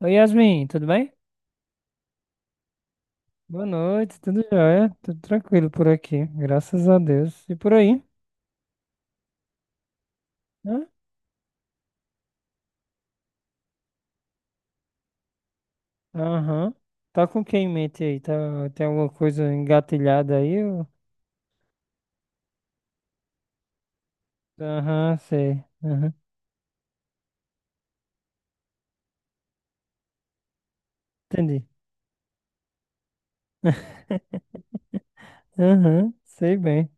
Oi, Yasmin, tudo bem? Boa noite, tudo jóia? Tudo tranquilo por aqui, graças a Deus. E por aí? Hã? Aham. Tá com quem em mente aí? Tá, tem alguma coisa engatilhada aí? Aham, sei. Aham, entendi. Aham, sei bem.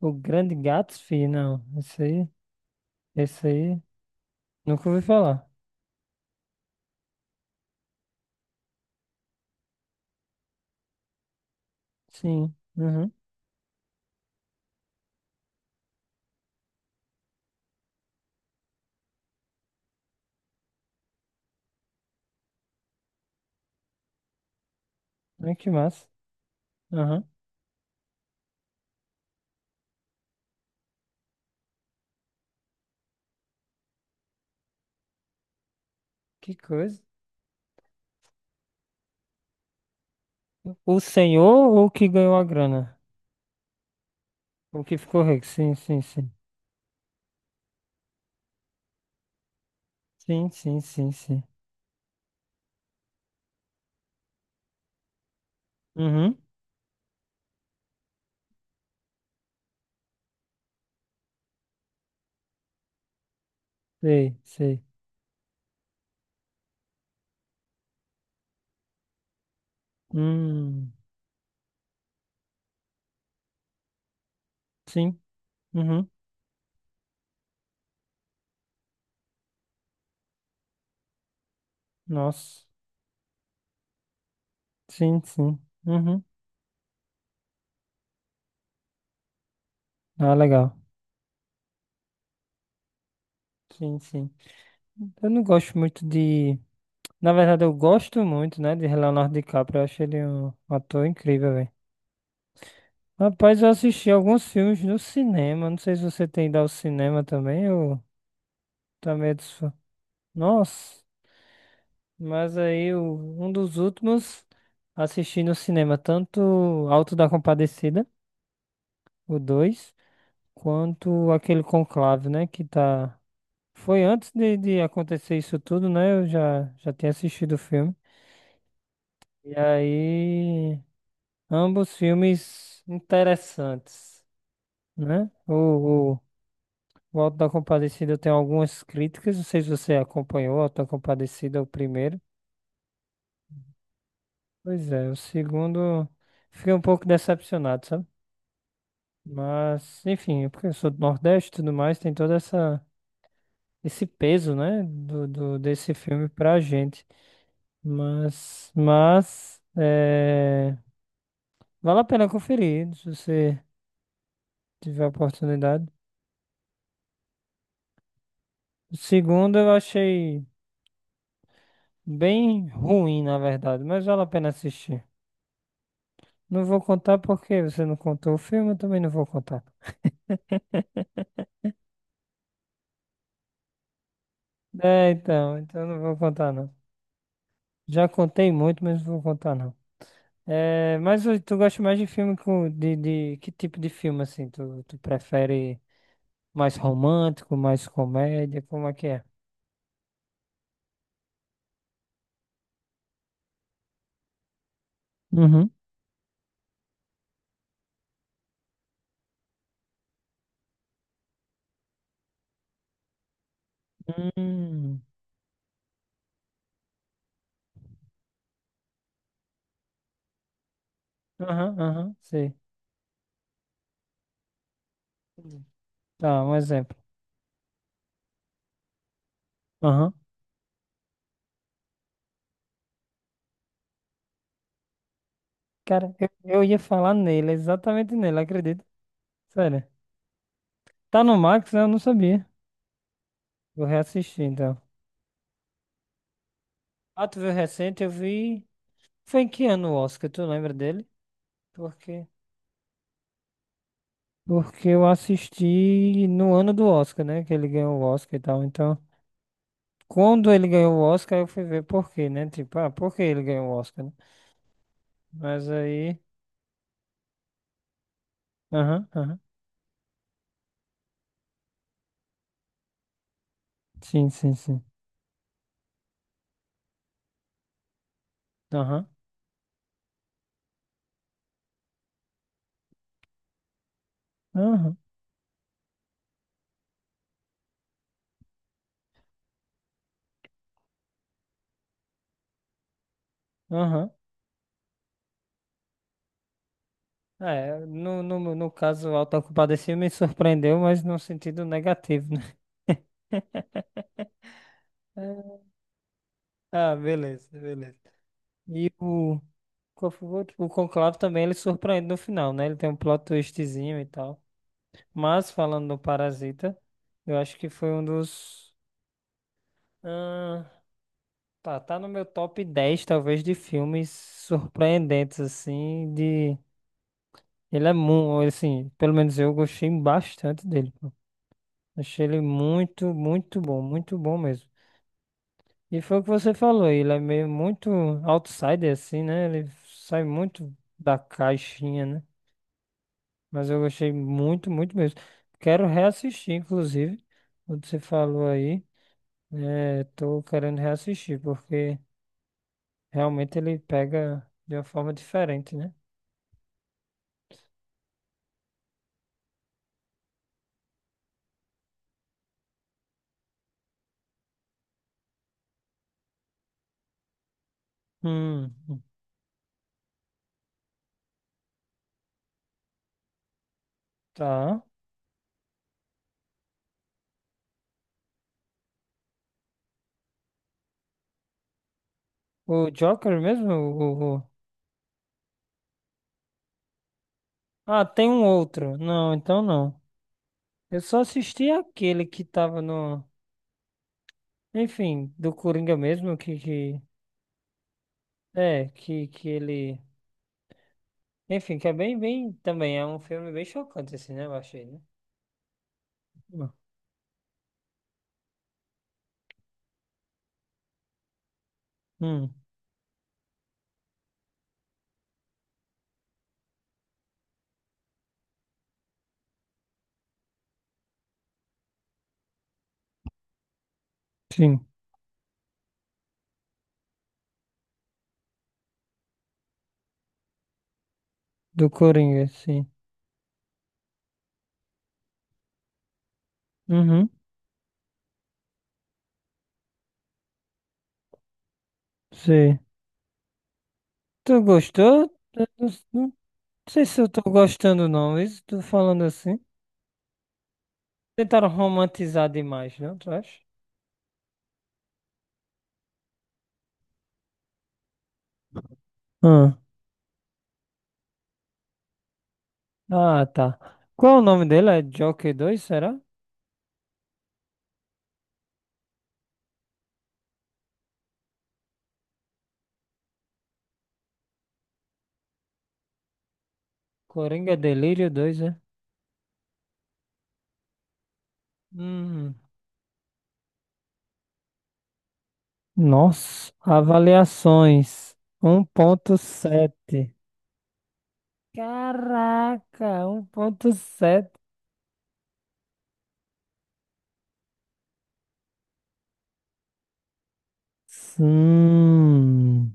O Grande Gatsby, não. Esse aí, nunca ouvi falar. Sim, aham. Ai, que massa. Aham, que coisa. O senhor ou o que ganhou a grana? O que ficou rico? Sim, sim, sim. Sim, sim, sim, sim. Uhum. Sei, sei. Hum, sim. Uhum. Nossa. Sim, sim. Uhum. Ah, legal. Sim, sim. Eu não gosto muito de. Na verdade, eu gosto muito, né, de Leonardo DiCaprio. Eu acho ele um ator incrível, velho. Rapaz, eu assisti alguns filmes no cinema. Não sei se você tem ido ao cinema também. Eu também sou. Nossa. Mas aí, um dos últimos assisti no cinema, tanto Alto da Compadecida. O 2 quanto aquele Conclave, né? Que tá. Foi antes de acontecer isso tudo, né? Eu já tinha assistido o filme. E aí, ambos filmes interessantes, né? O, o Auto da Compadecida tem algumas críticas, não sei se você acompanhou o Auto da Compadecida, o primeiro. Pois é, o segundo, fiquei um pouco decepcionado, sabe? Mas, enfim, porque eu sou do Nordeste e tudo mais, tem toda essa. Esse peso, né, do, desse filme pra gente. Mas é, vale a pena conferir, se você tiver a oportunidade. O segundo eu achei bem ruim, na verdade, mas vale a pena assistir. Não vou contar porque você não contou o filme, eu também não vou contar. É, então eu não vou contar não. Já contei muito, mas não vou contar não. É, mas tu gosta mais de filme de que tipo de filme assim? Tu prefere mais romântico, mais comédia, como é que é? Uhum. Hum. Aham, aham, sei. Entendi. Tá, um exemplo. Aham. Cara, eu ia falar nele, exatamente nele, acredito. Sério. Tá no Max, né? Eu não sabia. Vou reassistir, então. Ah, tu viu recente? Eu vi. Foi em que ano o Oscar? Tu lembra dele? Porque. Porque eu assisti no ano do Oscar, né? Que ele ganhou o Oscar e tal. Então, quando ele ganhou o Oscar, eu fui ver por quê, né? Tipo, ah, por que ele ganhou o Oscar, né? Mas aí. Aham, aham. Sim, sim, sim. Aham, aham, aham. É, no caso, o Auto da Compadecida me surpreendeu, mas no sentido negativo, né? Ah, beleza, beleza. E o, qual foi o outro? O Conclave também, ele surpreende no final, né? Ele tem um plot twistzinho e tal. Mas, falando do Parasita, eu acho que foi um dos, ah, tá no meu top 10 talvez, de filmes surpreendentes, assim, de. Ele é muito, assim, pelo menos eu gostei bastante dele, pô. Achei ele muito, muito bom mesmo. E foi o que você falou, ele é meio muito outsider, assim, né? Ele sai muito da caixinha, né? Mas eu gostei muito, muito mesmo. Quero reassistir, inclusive, o que você falou aí. É, tô querendo reassistir, porque realmente ele pega de uma forma diferente, né? Hum, tá. O Joker mesmo, o. Ah, tem um outro. Não, então não. Eu só assisti aquele que tava no. Enfim, do Coringa mesmo, que. É, que ele. Enfim, que é bem, bem. Também é um filme bem chocante, assim, né? Eu achei, né? Hum, hum, sim. Do Coringa, sim. Uhum, sei. Tu gostou? Eu não sei se eu tô gostando, não. Isso, tô falando assim. Tentaram romantizar demais, não, tu acha? Hum. Ah, tá. Qual é o nome dele? É Joker 2, será? Coringa Delírio dois, né? Hum. Nossa, avaliações 1.7. Caraca, um 1.7. Hum,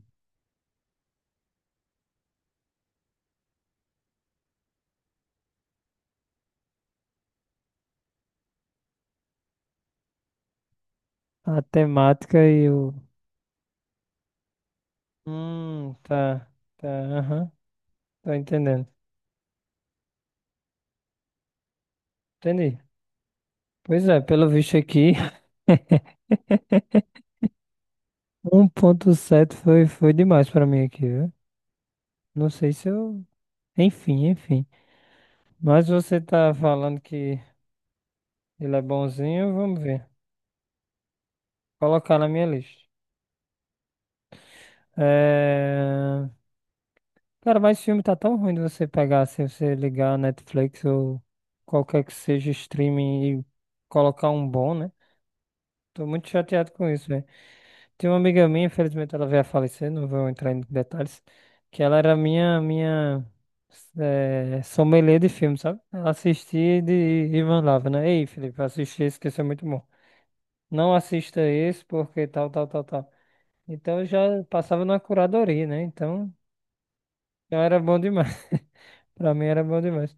a temática e o. Tá, tá, aham, tô entendendo. Entendi. Pois é, pelo visto aqui, 1.7 foi demais pra mim aqui, viu? Não sei se eu. Enfim, enfim. Mas você tá falando que. Ele é bonzinho, vamos ver. Colocar na minha lista. É. Cara, mas esse filme tá tão ruim de você pegar assim, você ligar a Netflix ou qualquer que seja streaming e colocar um bom, né? Tô muito chateado com isso, velho. Tem uma amiga minha, infelizmente ela veio a falecer, não vou entrar em detalhes, que ela era minha sommelier de filme, sabe? Ela assistia e mandava, né? Ei, Felipe, assisti esse que esse é muito bom. Não assista esse porque tal, tal, tal, tal. Então eu já passava na curadoria, né? Então já era bom demais. Pra mim era bom demais.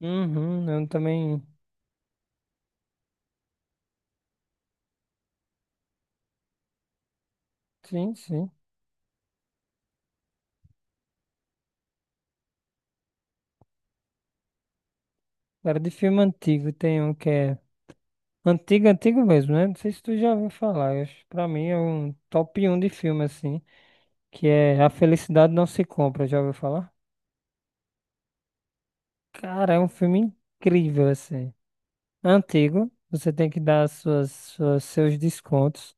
Uhum, eu também. Sim, sim. Era de filme antigo. Tem um que é. Antigo, antigo mesmo, né? Não sei se tu já ouviu falar. Pra mim é um top um de filme, assim. Que é A Felicidade Não Se Compra. Já ouviu falar? Cara, é um filme incrível, assim. Antigo. Você tem que dar seus descontos.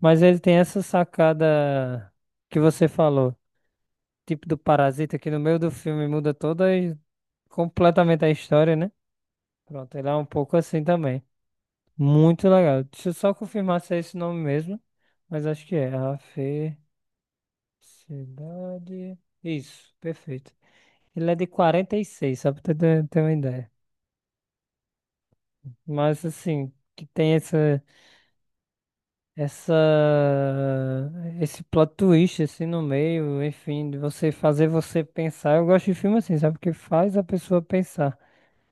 Mas ele tem essa sacada que você falou. Tipo do parasita que no meio do filme muda toda e completamente a história, né? Pronto, ele é um pouco assim também. Muito legal. Deixa eu só confirmar se é esse nome mesmo, mas acho que é. A Felicidade. Isso, perfeito. Ele é de 46, só pra ter uma ideia. Mas assim, que tem essa, esse plot twist assim no meio, enfim, de você fazer você pensar. Eu gosto de filme assim, sabe? Porque faz a pessoa pensar.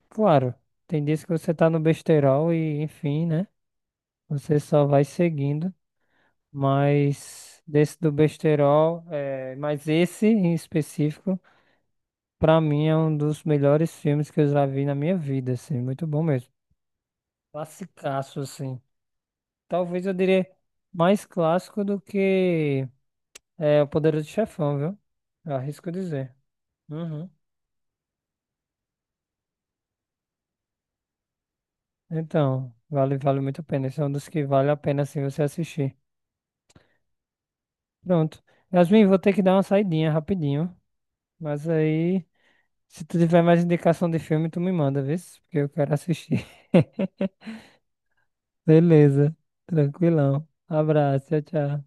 Claro, tem dias que você tá no besteirol e, enfim, né? Você só vai seguindo, mas desse do besteirol, mas esse em específico, pra mim é um dos melhores filmes que eu já vi na minha vida, assim, muito bom mesmo. Classicaço, assim. Talvez eu diria mais clássico do que O Poderoso Chefão, viu? Eu arrisco dizer. Uhum. Então, vale muito a pena. Esse é um dos que vale a pena, assim, você assistir. Pronto. Yasmin, vou ter que dar uma saidinha rapidinho. Mas aí, se tu tiver mais indicação de filme, tu me manda, vê? Porque eu quero assistir. Beleza. Tranquilão. Abraço, tchau, tchau.